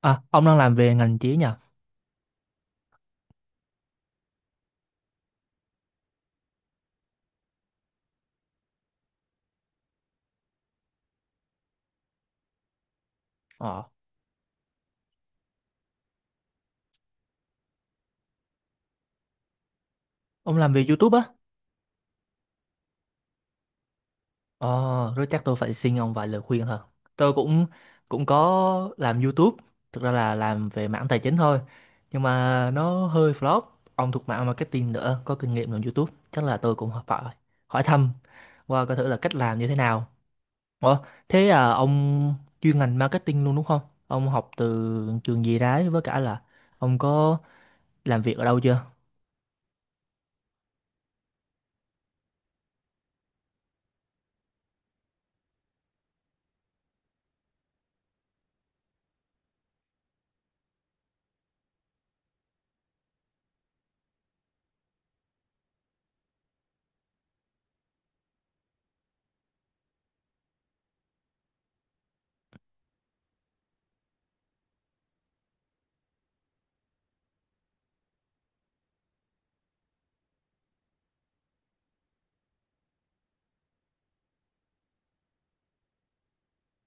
À, ông đang làm về ngành trí nhỉ? Ờ, ông làm về YouTube á? Ờ, rồi chắc tôi phải xin ông vài lời khuyên thôi. Tôi cũng cũng có làm YouTube, thực ra là làm về mảng tài chính thôi. Nhưng mà nó hơi flop. Ông thuộc mảng marketing nữa, có kinh nghiệm làm YouTube, chắc là tôi cũng phải hỏi thăm qua coi thử là cách làm như thế nào. Ủa, thế à, ông chuyên ngành marketing luôn đúng không? Ông học từ trường gì đấy với cả là ông có làm việc ở đâu chưa?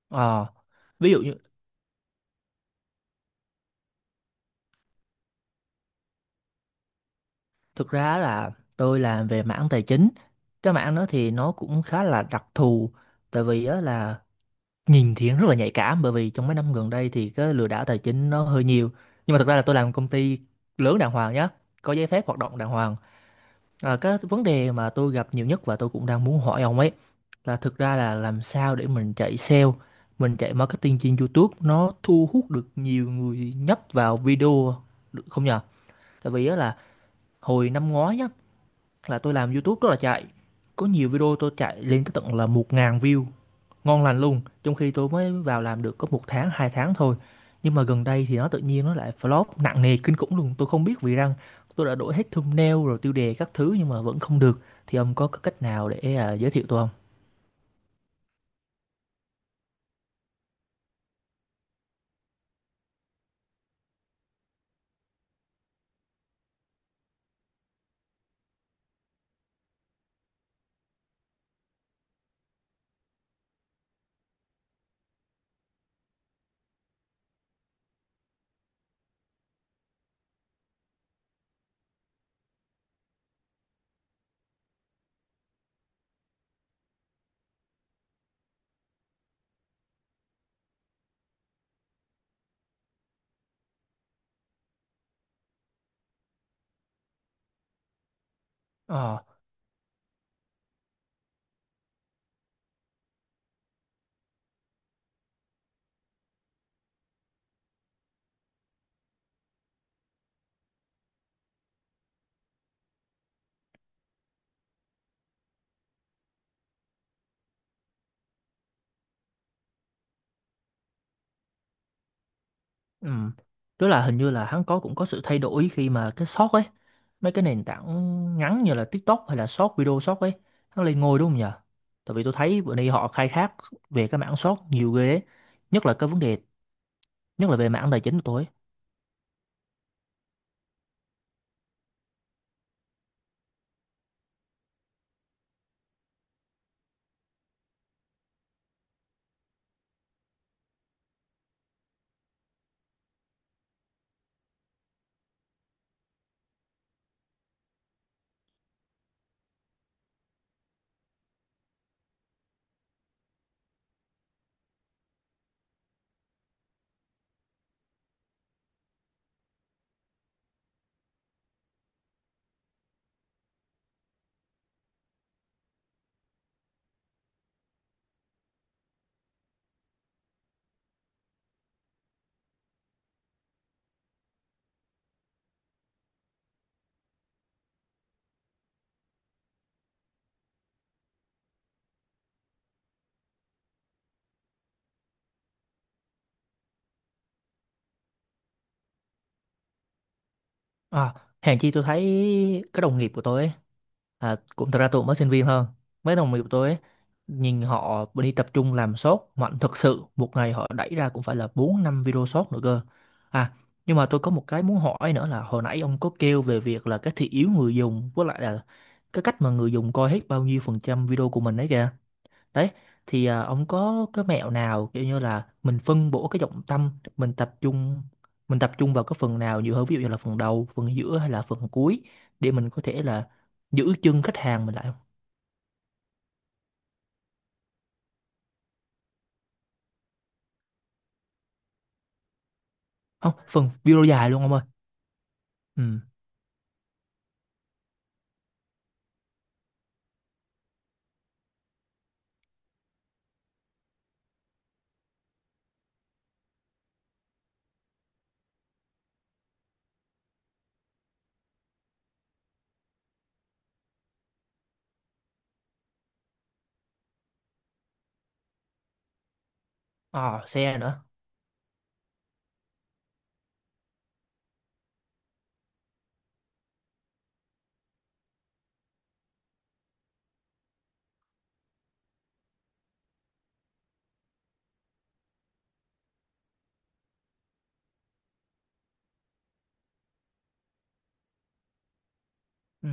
Ờ, ví dụ như Thực ra là tôi làm về mảng tài chính. Cái mảng đó thì nó cũng khá là đặc thù, tại vì á là nhìn thì rất là nhạy cảm, bởi vì trong mấy năm gần đây thì cái lừa đảo tài chính nó hơi nhiều. Nhưng mà thực ra là tôi làm công ty lớn đàng hoàng nhá, có giấy phép hoạt động đàng hoàng. À, cái vấn đề mà tôi gặp nhiều nhất và tôi cũng đang muốn hỏi ông ấy là thực ra là làm sao để mình chạy sale, mình chạy marketing trên YouTube nó thu hút được nhiều người nhấp vào video được không nhờ? Tại vì á là hồi năm ngoái nhá, là tôi làm YouTube rất là chạy, có nhiều video tôi chạy lên tới tận là 1.000 view ngon lành luôn, trong khi tôi mới vào làm được có một tháng 2 tháng thôi. Nhưng mà gần đây thì nó tự nhiên nó lại flop nặng nề kinh khủng luôn, tôi không biết vì rằng tôi đã đổi hết thumbnail rồi tiêu đề các thứ nhưng mà vẫn không được. Thì ông có cách nào để giới thiệu tôi không? Ờ. Ừ. Tức là hình như là hắn cũng có sự thay đổi khi mà cái short ấy, mấy cái nền tảng ngắn như là TikTok hay là short video short ấy, hắn lên ngôi đúng không nhờ? Tại vì tôi thấy bữa nay họ khai thác về cái mảng short nhiều ghê ấy, nhất là cái vấn đề, nhất là về mảng tài chính của tôi ấy. À, hèn chi tôi thấy các đồng nghiệp của tôi ấy, cũng thật ra tôi cũng mới sinh viên hơn. Mấy đồng nghiệp của tôi ấy, nhìn họ đi tập trung làm shop mạnh thật sự. Một ngày họ đẩy ra cũng phải là 4 5 video shop nữa cơ. À, nhưng mà tôi có một cái muốn hỏi nữa là hồi nãy ông có kêu về việc là cái thị hiếu người dùng với lại là cái cách mà người dùng coi hết bao nhiêu phần trăm video của mình đấy kìa đấy, thì ông có cái mẹo nào kiểu như là mình phân bổ cái trọng tâm, mình tập trung mình tập trung vào cái phần nào nhiều hơn, ví dụ như là phần đầu phần giữa hay là phần cuối, để mình có thể là giữ chân khách hàng mình lại không? Không phần video dài luôn ông ơi. Ừ, ờ xe nữa, ừ,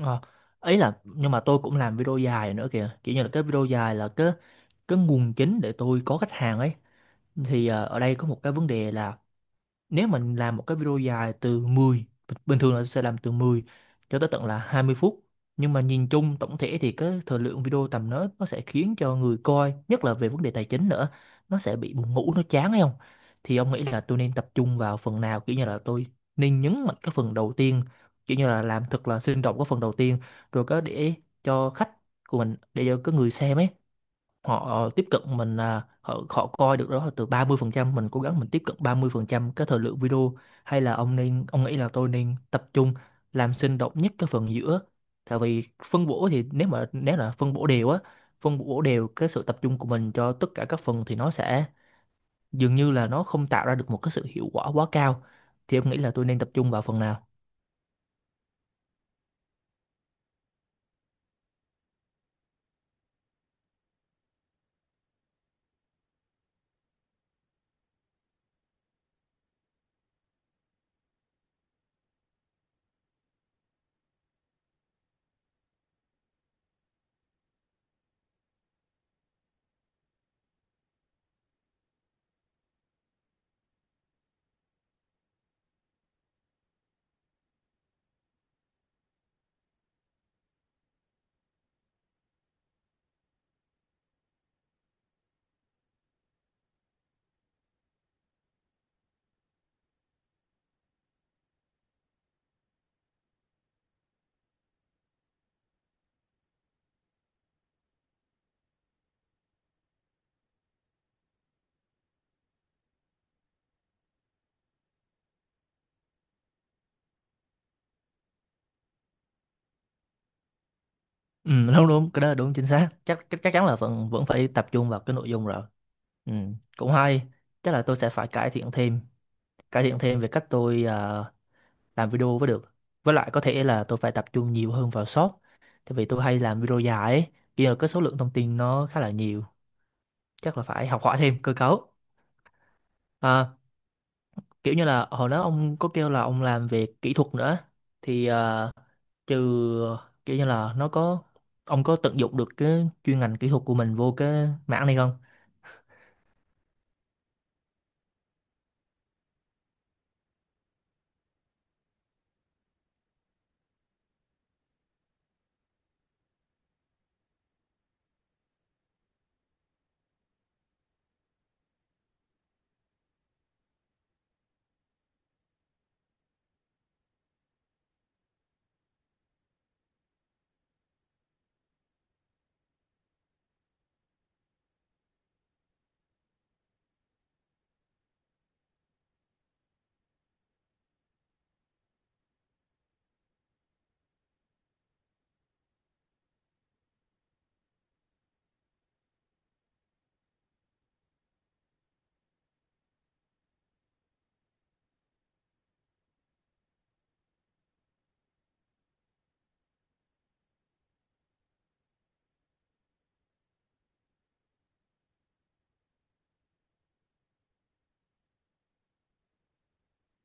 ờ ấy là nhưng mà tôi cũng làm video dài nữa kìa, kiểu như là cái video dài là cái nguồn chính để tôi có khách hàng ấy. Thì ở đây có một cái vấn đề là nếu mình làm một cái video dài từ 10, bình thường là tôi sẽ làm từ 10 cho tới tận là 20 phút, nhưng mà nhìn chung tổng thể thì cái thời lượng video tầm đó nó sẽ khiến cho người coi, nhất là về vấn đề tài chính nữa, nó sẽ bị buồn ngủ nó chán hay không. Thì ông nghĩ là tôi nên tập trung vào phần nào, kiểu như là tôi nên nhấn mạnh cái phần đầu tiên, kiểu như là làm thật là sinh động cái phần đầu tiên, rồi có để cho khách của mình, để cho cái người xem ấy, họ tiếp cận mình, là họ họ coi được đó là từ 30%, mình cố gắng mình tiếp cận 30% cái thời lượng video, hay là ông nghĩ là tôi nên tập trung làm sinh động nhất cái phần giữa. Tại vì phân bổ thì nếu là phân bổ đều á, phân bổ đều cái sự tập trung của mình cho tất cả các phần thì nó sẽ dường như là nó không tạo ra được một cái sự hiệu quả quá cao. Thì ông nghĩ là tôi nên tập trung vào phần nào? Ừ, đúng đúng, cái đó là đúng chính xác, chắc chắc chắn là vẫn vẫn phải tập trung vào cái nội dung rồi. Ừ, cũng hay, chắc là tôi sẽ phải cải thiện thêm về cách tôi làm video mới được, với lại có thể là tôi phải tập trung nhiều hơn vào short, tại vì tôi hay làm video dài ấy, kia là cái số lượng thông tin nó khá là nhiều, chắc là phải học hỏi thêm cơ cấu. À, kiểu như là hồi đó ông có kêu là ông làm về kỹ thuật nữa, thì trừ kiểu như là nó có, ông có tận dụng được cái chuyên ngành kỹ thuật của mình vô cái mảng này không?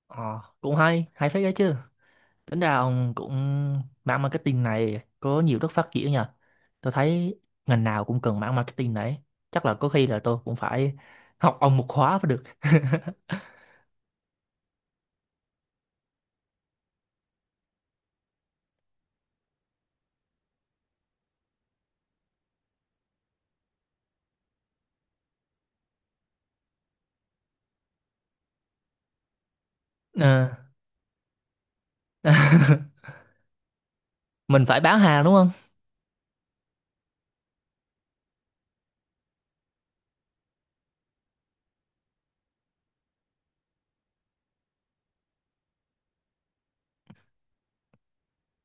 Ờ, cũng hay, hay phết đấy chứ. Tính ra ông cũng mảng marketing này có nhiều đất phát triển nha. Tôi thấy ngành nào cũng cần mảng marketing đấy. Chắc là có khi là tôi cũng phải học ông một khóa mới được. Ờ. Mình phải bán hàng đúng không?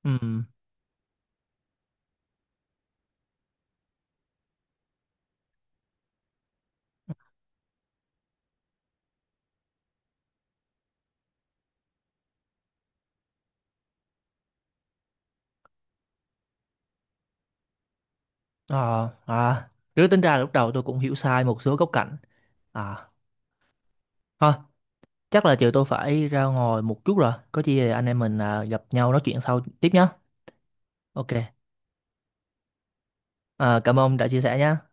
Ừ. Ờ, à, cứ tính ra lúc đầu tôi cũng hiểu sai một số góc cạnh. À, thôi, chắc là chiều tôi phải ra ngoài một chút rồi. Có gì anh em mình gặp nhau nói chuyện sau tiếp nhé. Ok, cảm ơn ông đã chia sẻ nhé.